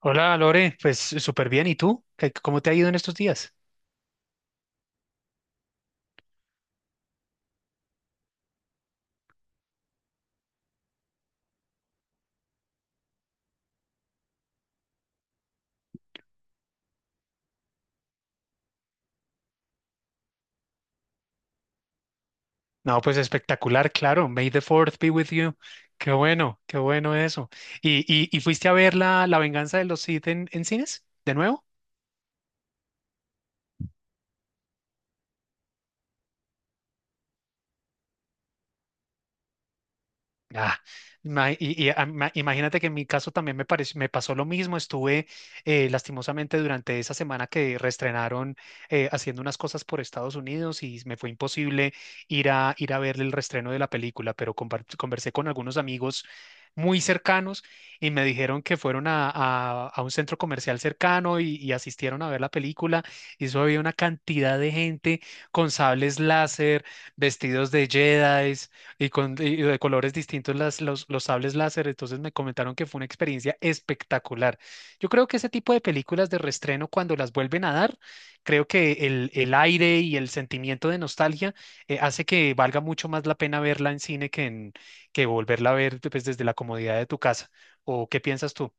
Hola Lore, pues súper bien. ¿Y tú? ¿Cómo te ha ido en estos días? No, pues espectacular, claro. May the fourth be with you. Qué bueno eso. ¿Y fuiste a ver la venganza de los Sith en cines? ¿De nuevo? Ah, imagínate que en mi caso también me pareció, me pasó lo mismo. Estuve lastimosamente durante esa semana que reestrenaron haciendo unas cosas por Estados Unidos y me fue imposible ir a ver el reestreno de la película, pero conversé con algunos amigos muy cercanos y me dijeron que fueron a un centro comercial cercano y asistieron a ver la película. Y eso había una cantidad de gente con sables láser, vestidos de Jedi y con y de colores distintos los sables láser, entonces me comentaron que fue una experiencia espectacular. Yo creo que ese tipo de películas de reestreno, cuando las vuelven a dar, creo que el aire y el sentimiento de nostalgia hace que valga mucho más la pena verla en cine que volverla a ver pues, desde la comodidad de tu casa. ¿O qué piensas tú?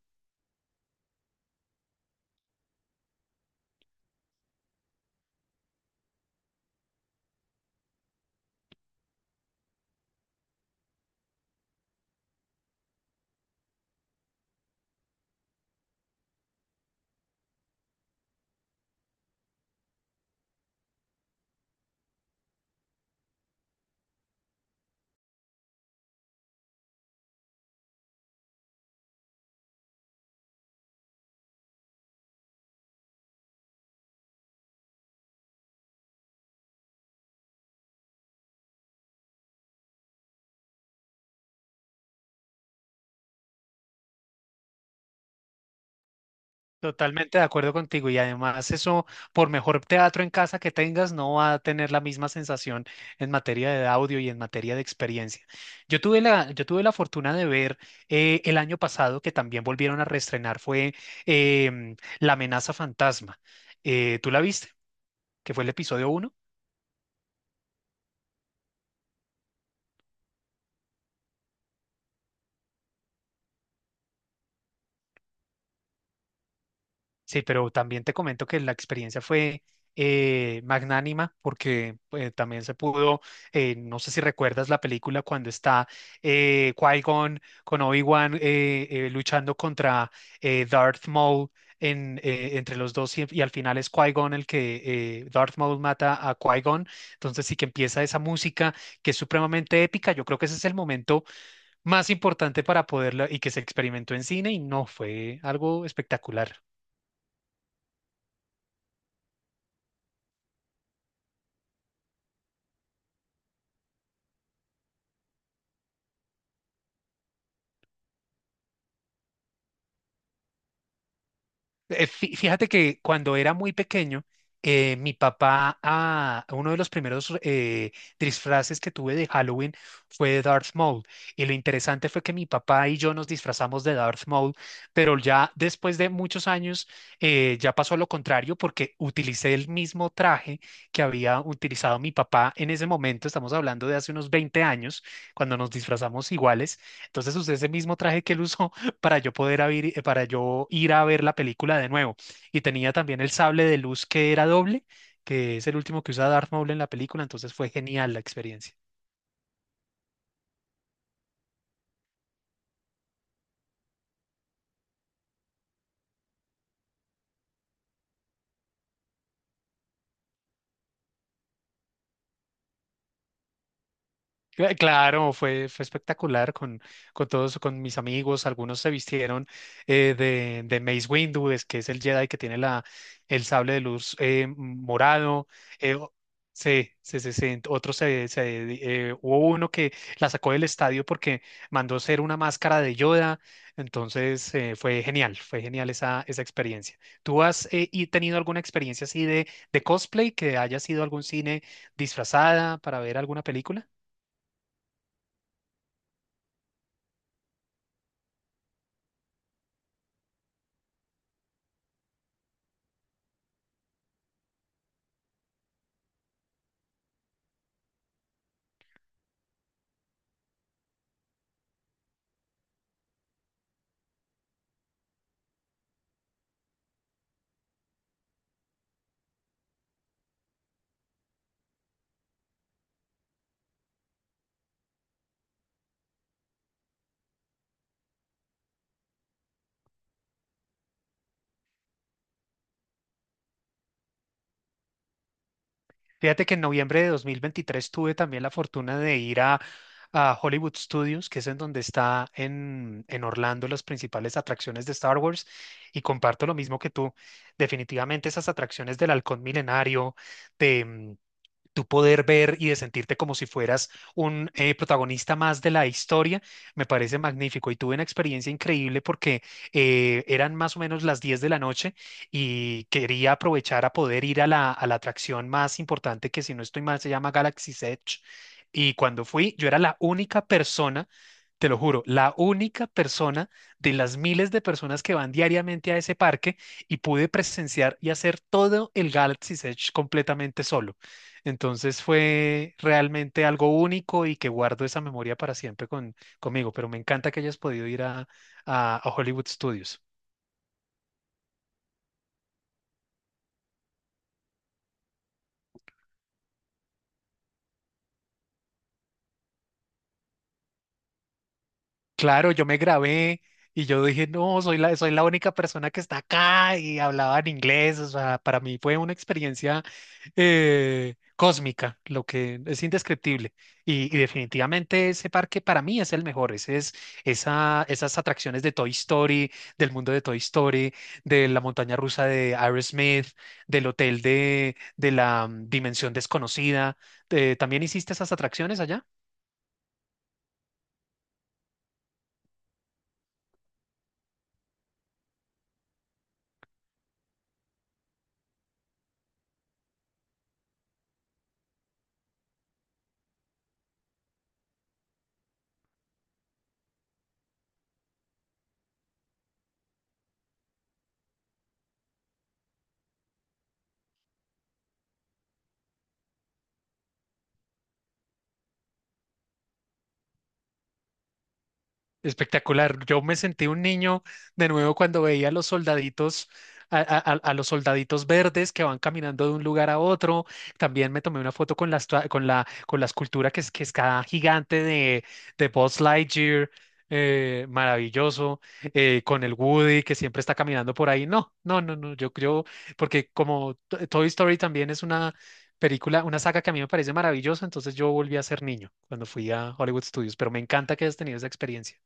Totalmente de acuerdo contigo y además eso, por mejor teatro en casa que tengas, no va a tener la misma sensación en materia de audio y en materia de experiencia. Yo tuve la fortuna de ver el año pasado que también volvieron a reestrenar fue La amenaza fantasma. ¿Tú la viste? Que fue el episodio 1. Sí, pero también te comento que la experiencia fue magnánima porque también se pudo, no sé si recuerdas la película cuando está Qui-Gon con Obi-Wan luchando contra Darth Maul entre los dos y al final es Qui-Gon el que Darth Maul mata a Qui-Gon. Entonces sí que empieza esa música que es supremamente épica. Yo creo que ese es el momento más importante para poderla y que se experimentó en cine y no fue algo espectacular. Fíjate que cuando era muy pequeño, mi papá, uno de los primeros disfraces que tuve de Halloween fue de Darth Maul. Y lo interesante fue que mi papá y yo nos disfrazamos de Darth Maul, pero ya después de muchos años ya pasó lo contrario porque utilicé el mismo traje que había utilizado mi papá en ese momento. Estamos hablando de hace unos 20 años, cuando nos disfrazamos iguales. Entonces usé ese mismo traje que él usó para yo poder para yo ir a ver la película de nuevo. Y tenía también el sable de luz que era doble, que es el último que usa Darth Maul en la película, entonces fue genial la experiencia. Claro, fue espectacular con todos, con mis amigos. Algunos se vistieron de Mace Windu, es que es el Jedi que tiene el sable de luz morado. eh, o- sí, sí, sí, sí. Otros hubo uno que la sacó del estadio porque mandó hacer una máscara de Yoda. Entonces fue genial esa experiencia. ¿Tú has tenido alguna experiencia así de cosplay que haya sido algún cine disfrazada para ver alguna película? Fíjate que en noviembre de 2023 tuve también la fortuna de ir a Hollywood Studios, que es en donde está en Orlando las principales atracciones de Star Wars, y comparto lo mismo que tú. Definitivamente esas atracciones del Halcón Milenario, tú poder ver y de sentirte como si fueras un protagonista más de la historia, me parece magnífico. Y tuve una experiencia increíble porque eran más o menos las 10 de la noche y quería aprovechar a poder ir a la atracción más importante que si no estoy mal se llama Galaxy's Edge. Y cuando fui, yo era la única persona. Te lo juro, la única persona de las miles de personas que van diariamente a ese parque y pude presenciar y hacer todo el Galaxy's Edge completamente solo. Entonces fue realmente algo único y que guardo esa memoria para siempre conmigo, pero me encanta que hayas podido ir a, a Hollywood Studios. Claro, yo me grabé y yo dije, no, soy la única persona que está acá y hablaba en inglés. O sea, para mí fue una experiencia cósmica, lo que es indescriptible. Y definitivamente ese parque para mí es el mejor. Esas atracciones de Toy Story, del mundo de Toy Story, de la montaña rusa de Aerosmith, del hotel de la dimensión desconocida. ¿También hiciste esas atracciones allá? Espectacular. Yo me sentí un niño de nuevo cuando veía a los soldaditos, a los soldaditos verdes que van caminando de un lugar a otro. También me tomé una foto con la, estua- con la escultura que es cada gigante de Buzz Lightyear. Maravilloso. Con el Woody que siempre está caminando por ahí. No, no, no, no. Yo creo, porque como Toy Story también es una película, una saga que a mí me parece maravillosa, entonces yo volví a ser niño cuando fui a Hollywood Studios, pero me encanta que hayas tenido esa experiencia.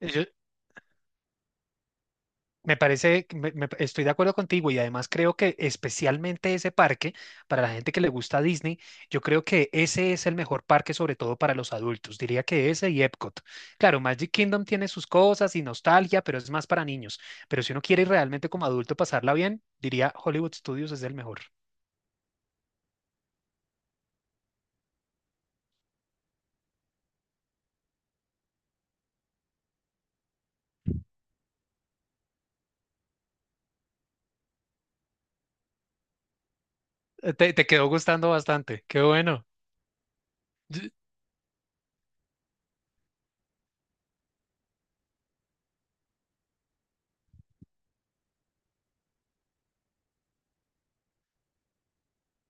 Ellos, me parece que estoy de acuerdo contigo y además creo que especialmente ese parque, para la gente que le gusta Disney, yo creo que ese es el mejor parque, sobre todo para los adultos. Diría que ese y Epcot. Claro, Magic Kingdom tiene sus cosas y nostalgia, pero es más para niños. Pero si uno quiere realmente como adulto pasarla bien, diría Hollywood Studios es el mejor. Te quedó gustando bastante. Qué bueno.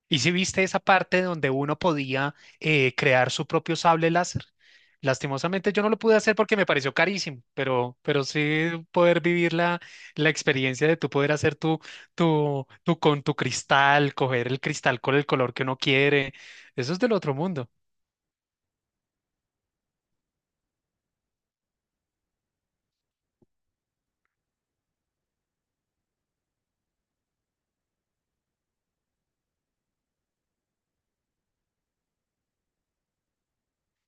¿Y si viste esa parte donde uno podía crear su propio sable láser? Lastimosamente yo no lo pude hacer porque me pareció carísimo, pero sí poder vivir la experiencia de tú poder hacer tu con tu cristal, coger el cristal con el color que uno quiere, eso es del otro mundo.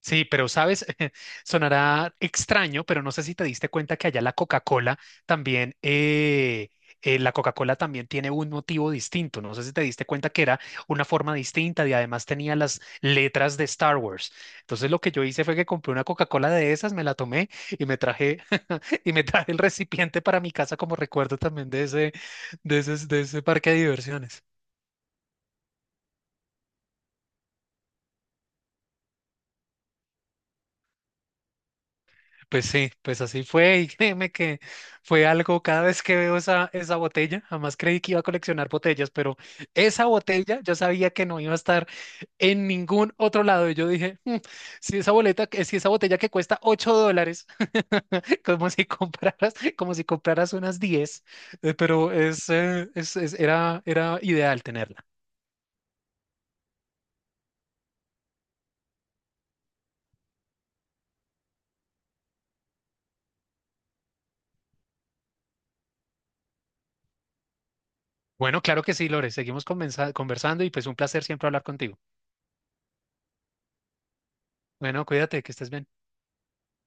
Sí, pero sabes, sonará extraño, pero no sé si te diste cuenta que allá también, eh, la Coca-Cola también tiene un motivo distinto. No sé si te diste cuenta que era una forma distinta y además tenía las letras de Star Wars. Entonces lo que yo hice fue que compré una Coca-Cola de esas, me la tomé y me traje y me traje el recipiente para mi casa como recuerdo también de ese parque de diversiones. Pues sí, pues así fue y créeme que fue algo, cada vez que veo esa botella, jamás creí que iba a coleccionar botellas, pero esa botella yo sabía que no iba a estar en ningún otro lado y yo dije, Si esa botella que cuesta $8, como si compraras unas 10, pero era ideal tenerla. Bueno, claro que sí, Lore, seguimos conversando y pues un placer siempre hablar contigo. Bueno, cuídate, que estés bien.